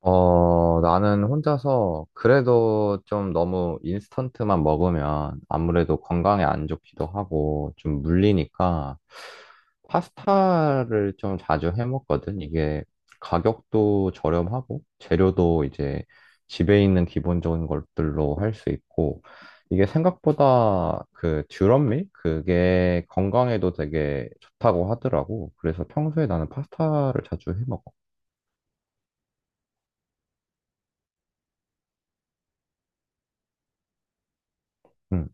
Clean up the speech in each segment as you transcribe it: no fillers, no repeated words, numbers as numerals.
어, 나는 혼자서 그래도 좀 너무 인스턴트만 먹으면 아무래도 건강에 안 좋기도 하고 좀 물리니까 파스타를 좀 자주 해 먹거든. 이게 가격도 저렴하고 재료도 이제 집에 있는 기본적인 것들로 할 수 있고 이게 생각보다 그 듀럼밀? 그게 건강에도 되게 좋다고 하더라고. 그래서 평소에 나는 파스타를 자주 해 먹어. 응.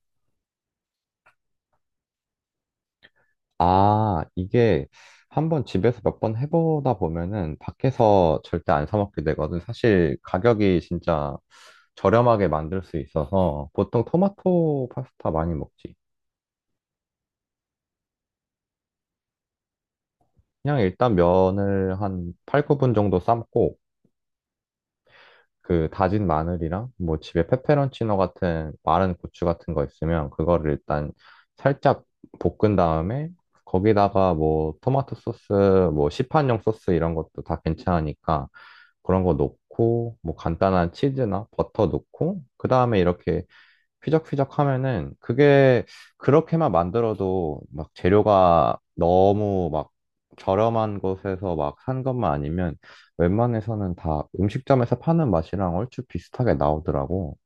아, 이게 한번 집에서 몇 번 해보다 보면은 밖에서 절대 안 사 먹게 되거든. 사실 가격이 진짜 저렴하게 만들 수 있어서 보통 토마토 파스타 많이 먹지. 그냥 일단 면을 한 8, 9분 정도 삶고 그 다진 마늘이랑 뭐 집에 페페론치노 같은 마른 고추 같은 거 있으면 그거를 일단 살짝 볶은 다음에 거기다가 뭐 토마토 소스, 뭐 시판용 소스 이런 것도 다 괜찮으니까 그런 거 넣고 뭐 간단한 치즈나 버터 넣고 그 다음에 이렇게 휘적휘적 하면은 그게 그렇게만 만들어도 막 재료가 너무 막 저렴한 곳에서 막 산 것만 아니면 웬만해서는 다 음식점에서 파는 맛이랑 얼추 비슷하게 나오더라고.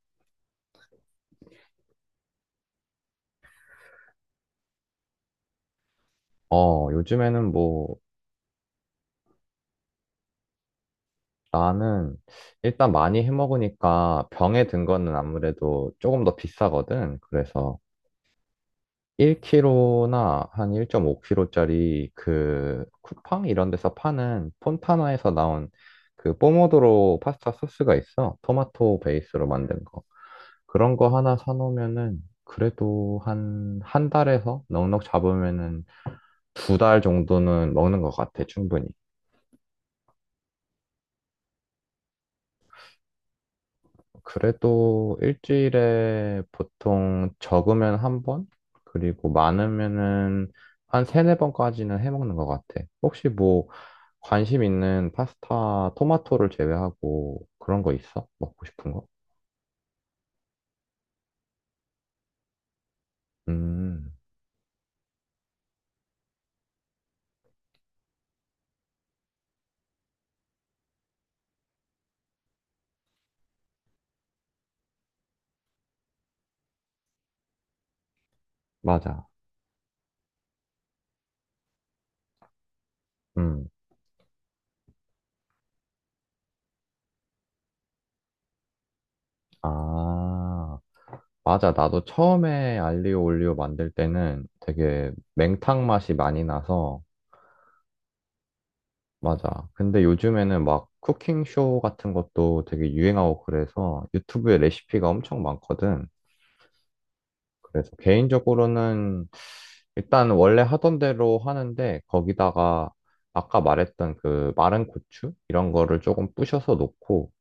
어, 요즘에는 뭐. 나는 일단 많이 해 먹으니까 병에 든 거는 아무래도 조금 더 비싸거든. 그래서 1kg나 한 1.5kg짜리 그 쿠팡 이런 데서 파는 폰타나에서 나온 그 포모도로 파스타 소스가 있어. 토마토 베이스로 만든 거. 그런 거 하나 사놓으면은 그래도 한, 한 달에서 넉넉 잡으면은 두 달 정도는 먹는 것 같아, 충분히. 그래도 일주일에 보통 적으면 한 번? 그리고 많으면은 한 세네 번까지는 해먹는 것 같아. 혹시 뭐 관심 있는 파스타, 토마토를 제외하고 그런 거 있어? 먹고 싶은 거? 음, 맞아. 음, 아, 맞아. 나도 처음에 알리오 올리오 만들 때는 되게 맹탕 맛이 많이 나서. 맞아. 근데 요즘에는 막 쿠킹쇼 같은 것도 되게 유행하고 그래서 유튜브에 레시피가 엄청 많거든. 그래서 개인적으로는 일단 원래 하던 대로 하는데 거기다가 아까 말했던 그 마른 고추 이런 거를 조금 부셔서 넣고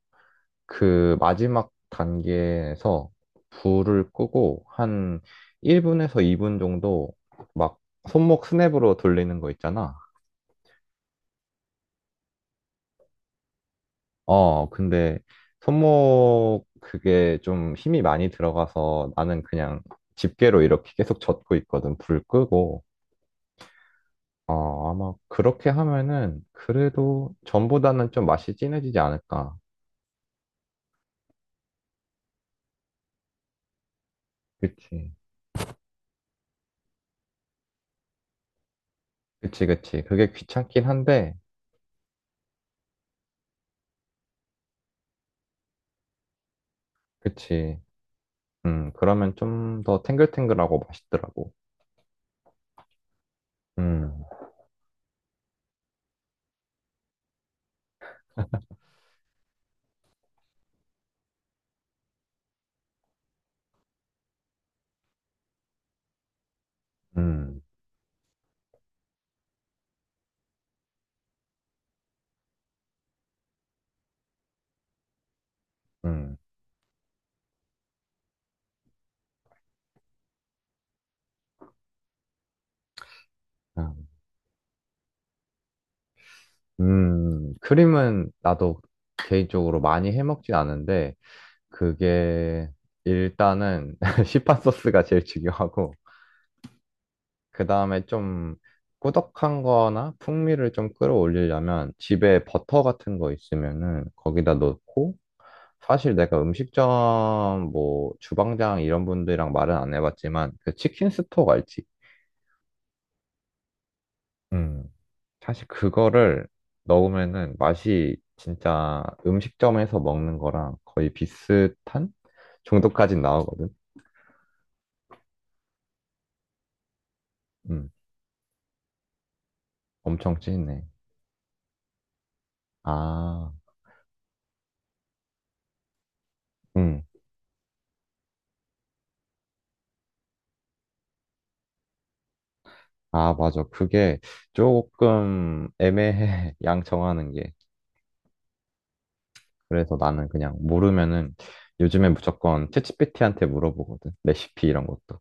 그 마지막 단계에서 불을 끄고 한 1분에서 2분 정도 막 손목 스냅으로 돌리는 거 있잖아. 어, 근데 손목 그게 좀 힘이 많이 들어가서 나는 그냥 집게로 이렇게 계속 젓고 있거든. 불 끄고. 어, 아마 그렇게 하면은 그래도 전보다는 좀 맛이 진해지지 않을까. 그치. 그치, 그치. 그게 귀찮긴 한데. 그치. 그러면 좀 더 탱글탱글하고 맛있더라고. 음, 음, 음. 아, 크림은 나도 개인적으로 많이 해먹진 않은데, 그게 일단은 시판 소스가 제일 중요하고 그 다음에 좀 꾸덕한 거나 풍미를 좀 끌어올리려면 집에 버터 같은 거 있으면은 거기다 넣고 사실 내가 음식점 뭐 주방장 이런 분들이랑 말은 안 해봤지만 그 치킨 스톡 알지? 음. 사실 그거를 넣으면은 맛이 진짜 음식점에서 먹는 거랑 거의 비슷한 정도까지 나오거든. 음. 엄청 진해. 아, 음. 아, 맞아. 그게 조금 애매해. 양 정하는 게. 그래서 나는 그냥 모르면은 요즘에 무조건 챗GPT한테 물어보거든. 레시피 이런 것도.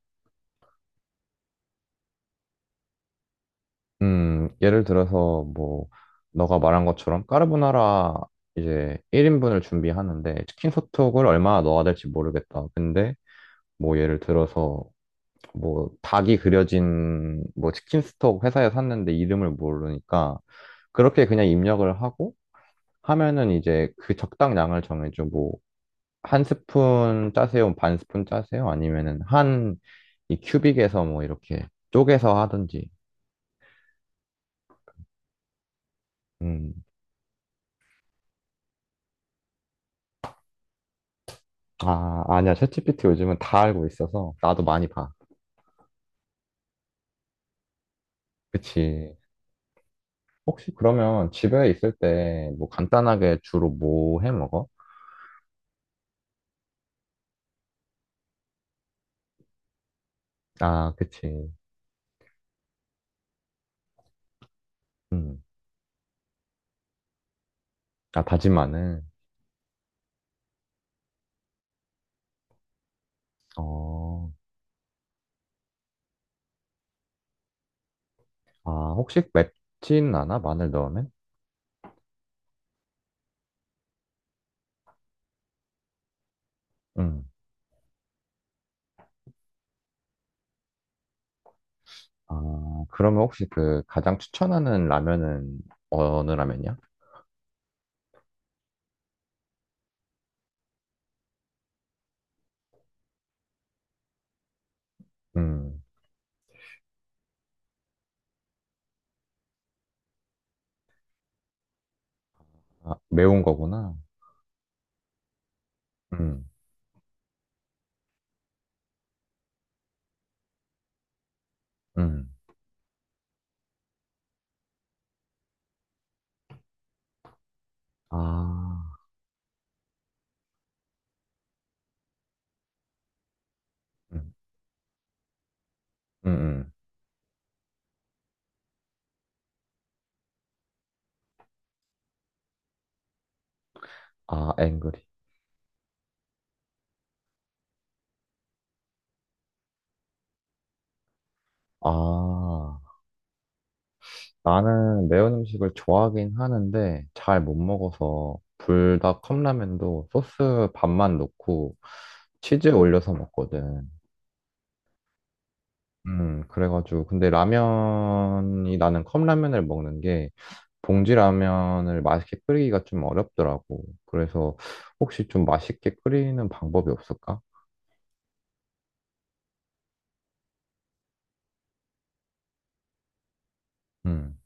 예를 들어서 뭐 너가 말한 것처럼 까르보나라 이제 1인분을 준비하는데 치킨 소톡을 얼마나 넣어야 될지 모르겠다. 근데 뭐 예를 들어서 뭐 닭이 그려진 뭐 치킨 스톡 회사에 샀는데 이름을 모르니까 그렇게 그냥 입력을 하고 하면은 이제 그 적당량을 정해줘. 뭐, 한 스푼 짜세요? 반 스푼 짜세요? 아니면은 한 이 큐빅에서 뭐 이렇게 쪼개서 하든지. 음. 아, 아니야. 챗GPT 요즘은 다 알고 있어서 나도 많이 봐. 그치. 혹시 그러면 집에 있을 때 뭐 간단하게 주로 뭐 해 먹어? 아, 그치. 음. 아, 다진 마늘. 어. 아, 혹시 맵진 않아? 마늘 넣으면? 음. 아, 그러면 혹시 그 가장 추천하는 라면은 어느 라면이야? 음, 아, 매운 거구나. 음, 음, 아, 음, 음, 음. 아, 앵그리. 아, 나는 매운 음식을 좋아하긴 하는데 잘 못 먹어서 불닭 컵라면도 소스 반만 넣고 치즈 올려서 먹거든. 그래가지고 근데 라면이 나는 컵라면을 먹는 게 봉지 라면을 맛있게 끓이기가 좀 어렵더라고. 그래서 혹시 좀 맛있게 끓이는 방법이 없을까? 음,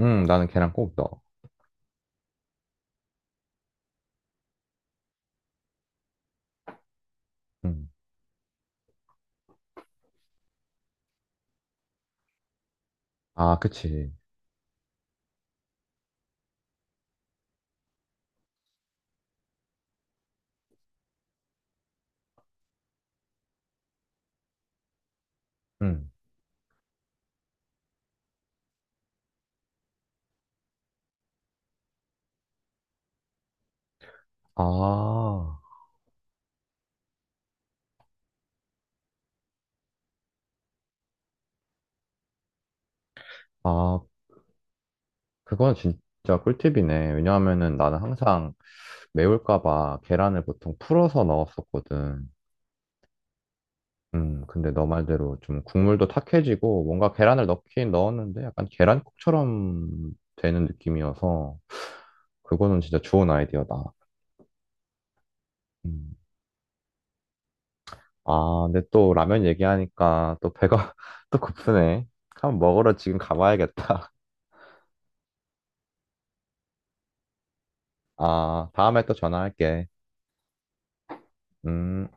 나는 계란 꼭 넣어. 음, 아, 그치. 음, 아, 아, 그건 진짜 꿀팁이네. 왜냐하면은 나는 항상 매울까 봐 계란을 보통 풀어서 넣었었거든. 근데 너 말대로 좀 국물도 탁해지고 뭔가 계란을 넣긴 넣었는데 약간 계란국처럼 되는 느낌이어서 그거는 진짜 좋은 아이디어다. 음. 아, 근데 또 라면 얘기하니까 또 배가 또 고프네. 한번 먹으러 지금 가봐야겠다. 아, 다음에 또 전화할게. 음.